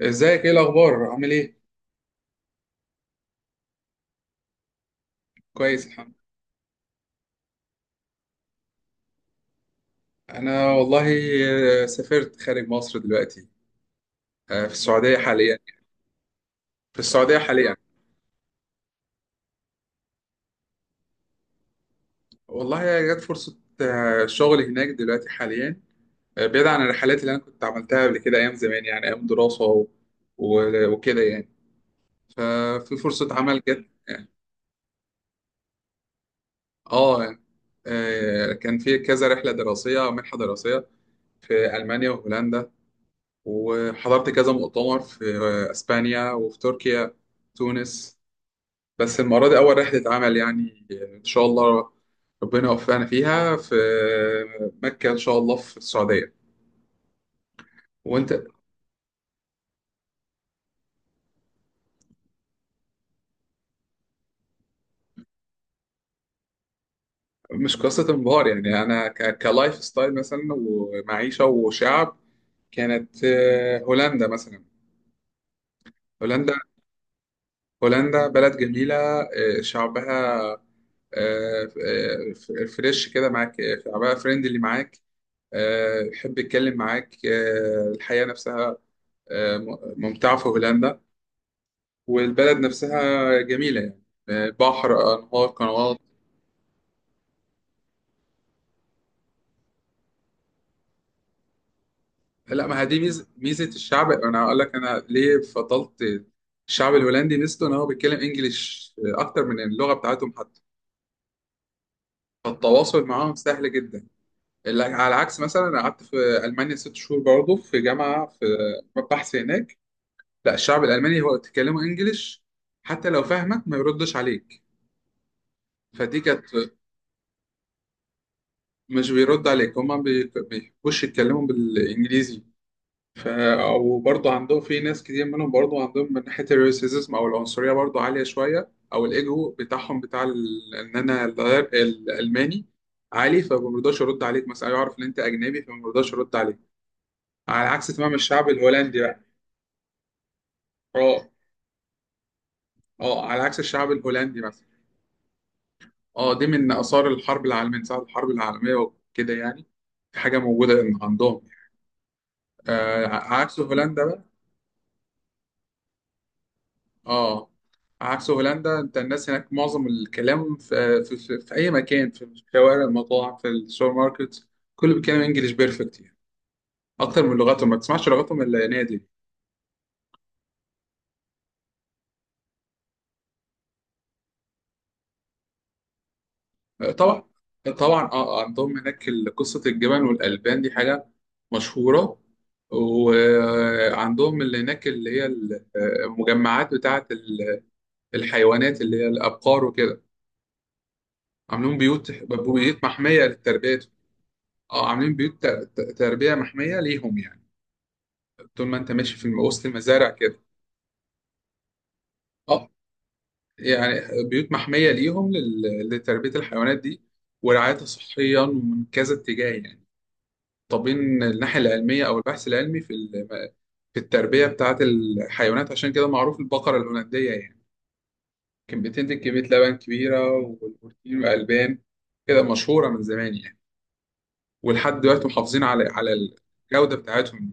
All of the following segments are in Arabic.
ازيك؟ ايه الاخبار؟ عامل ايه؟ كويس، الحمد لله. انا والله سافرت خارج مصر دلوقتي. في السعوديه حاليا. في السعوديه حاليا. والله جت فرصه شغل هناك دلوقتي حاليا. بعيد عن الرحلات اللي انا كنت عملتها قبل كده ايام زمان، يعني ايام دراسه وكده يعني. ففي فرصه عمل جت. اه يعني، كان في كذا رحله دراسيه او منحه دراسيه في المانيا وهولندا. وحضرت كذا مؤتمر في اسبانيا وفي تركيا، تونس. بس المرة دي أول رحلة عمل يعني، إن شاء الله ربنا يوفقنا فيها في مكة إن شاء الله، في السعودية. وأنت؟ مش قصة انبهار يعني، أنا كلايف ستايل مثلا ومعيشة وشعب، كانت هولندا مثلا. هولندا. هولندا بلد جميلة. شعبها فريش كده معاك. شعبها فريندلي معاك، يحب يتكلم معاك. الحياة نفسها آه، ممتعة في هولندا، والبلد نفسها جميلة يعني، بحر، أنهار، قنوات. لا، ما هي دي ميزة ميزة الشعب. أنا هقول لك أنا ليه فضلت الشعب الهولندي. ميزته إن هو بيتكلم إنجليش أكتر من اللغة بتاعتهم حتى. فالتواصل معاهم سهل جدا. على عكس مثلا، أنا قعدت في ألمانيا 6 شهور برضه، في جامعة، في بحث هناك. لا، الشعب الألماني هو تكلمه إنجليش حتى لو فاهمك ما يردش عليك. فدي كانت، مش بيرد عليك. هما بيحبوش يتكلموا بالإنجليزي. ف... وبرضه عندهم في ناس كتير منهم، برضه عندهم من ناحية الريسيزم أو العنصرية برضه عالية شوية، أو الإيجو بتاعهم بتاع إن أنا الغير الألماني عالي، فما بيرضاش يرد عليك. مثلا يعرف إن أنت أجنبي فما بيرضاش يرد عليك، على عكس تمام الشعب الهولندي بقى. أه، أه، على عكس الشعب الهولندي مثلا. أه، دي من آثار الحرب العالمية، من ساعة الحرب العالمية وكده يعني. في حاجة موجودة إن عندهم، عكس هولندا. اه، عكس هولندا، انت الناس هناك معظم الكلام، في اي مكان، في الشوارع، المطاعم، في السوبر ماركت، كله بيتكلم انجليش بيرفكت يعني، اكتر من لغتهم. ما تسمعش لغتهم الا نادي. طبعا، طبعا، اه. عندهم هناك قصة الجبن والالبان دي حاجة مشهورة. وعندهم اللي هناك، اللي هي المجمعات بتاعة الحيوانات، اللي هي الابقار وكده، عاملين بيوت، بيوت محمية للتربية. اه، عاملين بيوت تربية محمية ليهم يعني، طول ما انت ماشي في وسط المزارع كده. اه يعني، بيوت محمية ليهم لتربية الحيوانات دي، ورعايتها صحيا ومن كذا اتجاه يعني. طابين الناحية العلمية أو البحث العلمي في في التربية بتاعة الحيوانات. عشان كده معروف البقرة الهولندية يعني، كانت بتنتج كمية لبن كبيرة، والبروتين والألبان كده مشهورة من زمان يعني. ولحد دلوقتي محافظين على الجودة بتاعتهم.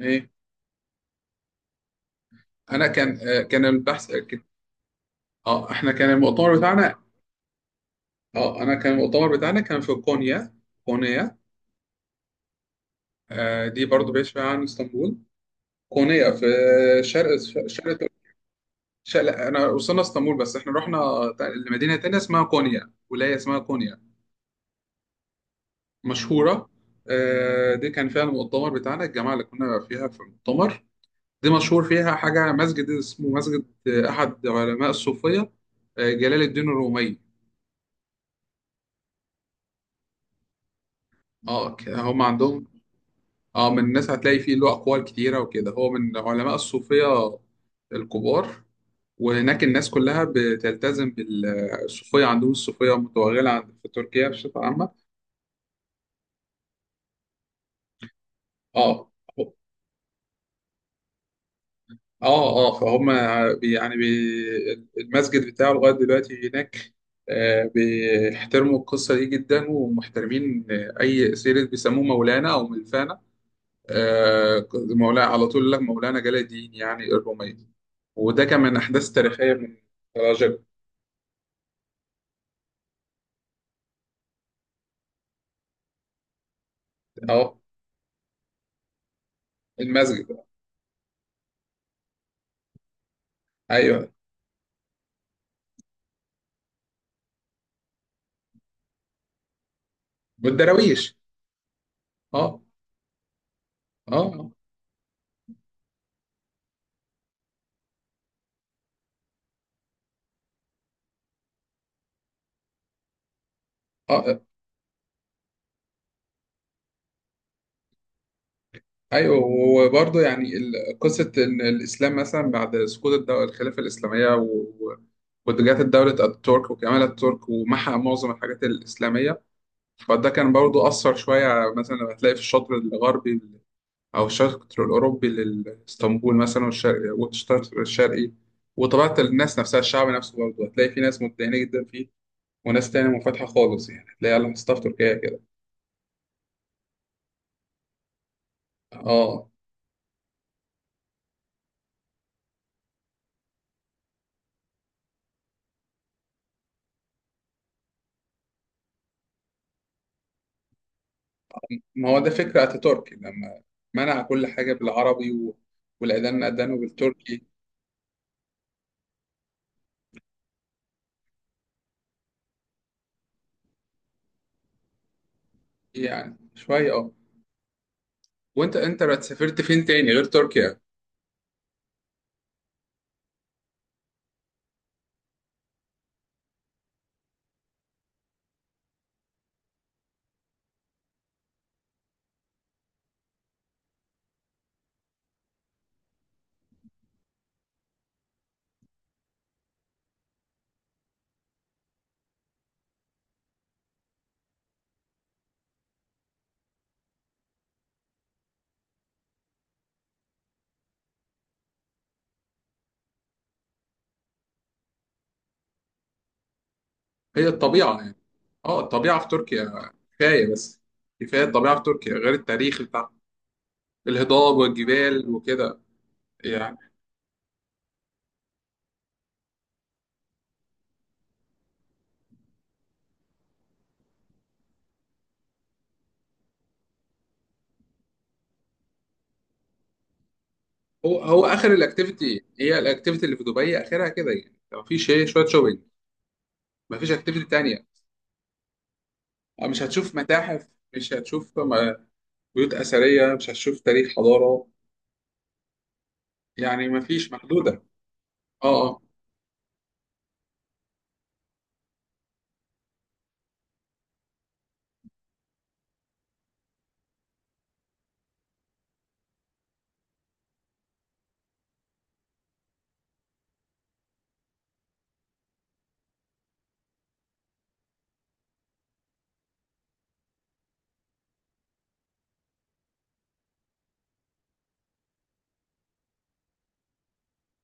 ايه. أنا كان آه، كان البحث كان- اه احنا كان المؤتمر بتاعنا اه انا كان المؤتمر بتاعنا كان في كونيا. كونيا، دي برضو بعيد شويه عن اسطنبول. كونيا في شرق، شرق انا وصلنا اسطنبول، بس احنا رحنا تا- لمدينه تانية اسمها كونيا، ولايه اسمها كونيا، مشهوره. دي كان فيها المؤتمر بتاعنا، الجماعه اللي كنا فيها في المؤتمر. دي مشهور فيها حاجه، مسجد اسمه مسجد احد علماء الصوفيه، جلال الدين الرومي. اه، هم عندهم، اه، من الناس هتلاقي فيه له أقوال كتيرة وكده، هو من علماء الصوفية الكبار. وهناك الناس كلها بتلتزم بالصوفية. عندهم الصوفية متوغلة في تركيا بصفة عامة. اه، اه، اه، فهم يعني بي المسجد بتاعه لغاية دلوقتي هناك. بيحترموا القصة دي جدا، ومحترمين أي سيرة، بيسموه مولانا أو ملفانا. مولانا على طول لك، مولانا جلال الدين يعني الرومية. وده كان من أحداث تاريخية من الرجل. أه. المسجد. أيوه. والدراويش. أه، أه، أه، أيوه. وبرضه يعني قصة إن الإسلام مثلا بعد سقوط الدولة، الخلافة الإسلامية، واتجاهات الدولة الترك وكمال الترك ومحى معظم الحاجات الإسلامية. فده كان برضه أثر شوية، مثلا لما تلاقي في الشطر الغربي، أو الشرق الأوروبي لإسطنبول مثلا، والشرق الشرقي. وطبيعة الناس نفسها، الشعب نفسه برضه هتلاقي في ناس متدينة جدا فيه، وناس تانية منفتحة خالص يعني. هتلاقي على مصطلح تركيا كده، اه. ما هو ده فكرة أتاتورك، لما منع كل حاجة بالعربي، والأذان أذانه بالتركي، يعني شوية اه. وأنت بقى سافرت فين تاني غير تركيا؟ هي الطبيعة يعني. اه، الطبيعة في تركيا كفاية بس. كفاية، الطبيعة في تركيا، غير التاريخ بتاع الهضاب والجبال وكده يعني. هو هو اخر الاكتيفيتي، هي الاكتيفيتي اللي في دبي اخرها كده يعني. ما فيش، ايه، شويه شوبينج، ما فيش اكتيفيتي تانية. مش هتشوف متاحف. مش هتشوف بيوت اثريه. مش هتشوف تاريخ، حضاره يعني. ما فيش، محدوده. اه، اه،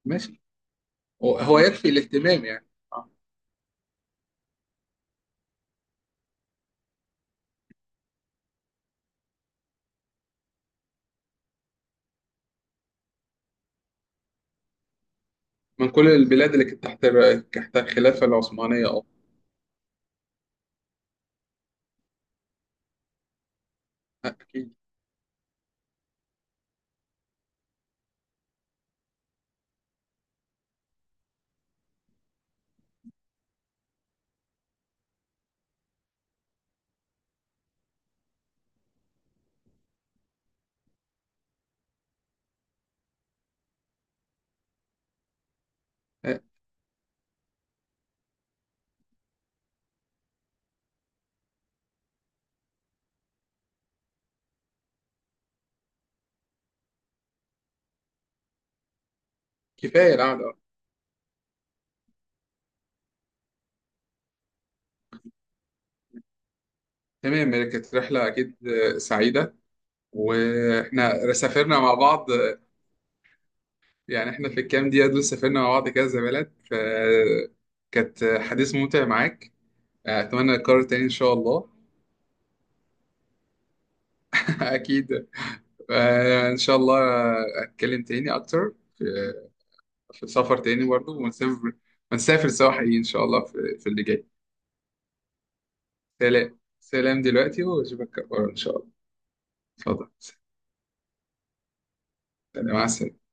ماشي. هو هو يكفي الاهتمام يعني. آه. من كل البلاد اللي كانت تحت تحت الخلافه العثمانيه، اه. اكيد. آه، كفايه القعده. آه. تمام، كانت رحله اكيد سعيده، واحنا سافرنا مع بعض. يعني احنا في الكام دقيقة دول سافرنا مع بعض كذا بلد، فكانت حديث ممتع معاك. أتمنى نكرر تاني إن شاء الله. أكيد. إن شاء الله. أتكلم تاني أكتر في سفر تاني برضه، ونسافر، ونسافر سوا حقيقي إن شاء الله، في اللي جاي. سلام، سلام دلوقتي، وأشوفك إن شاء الله. اتفضل. سلام، مع السلامة.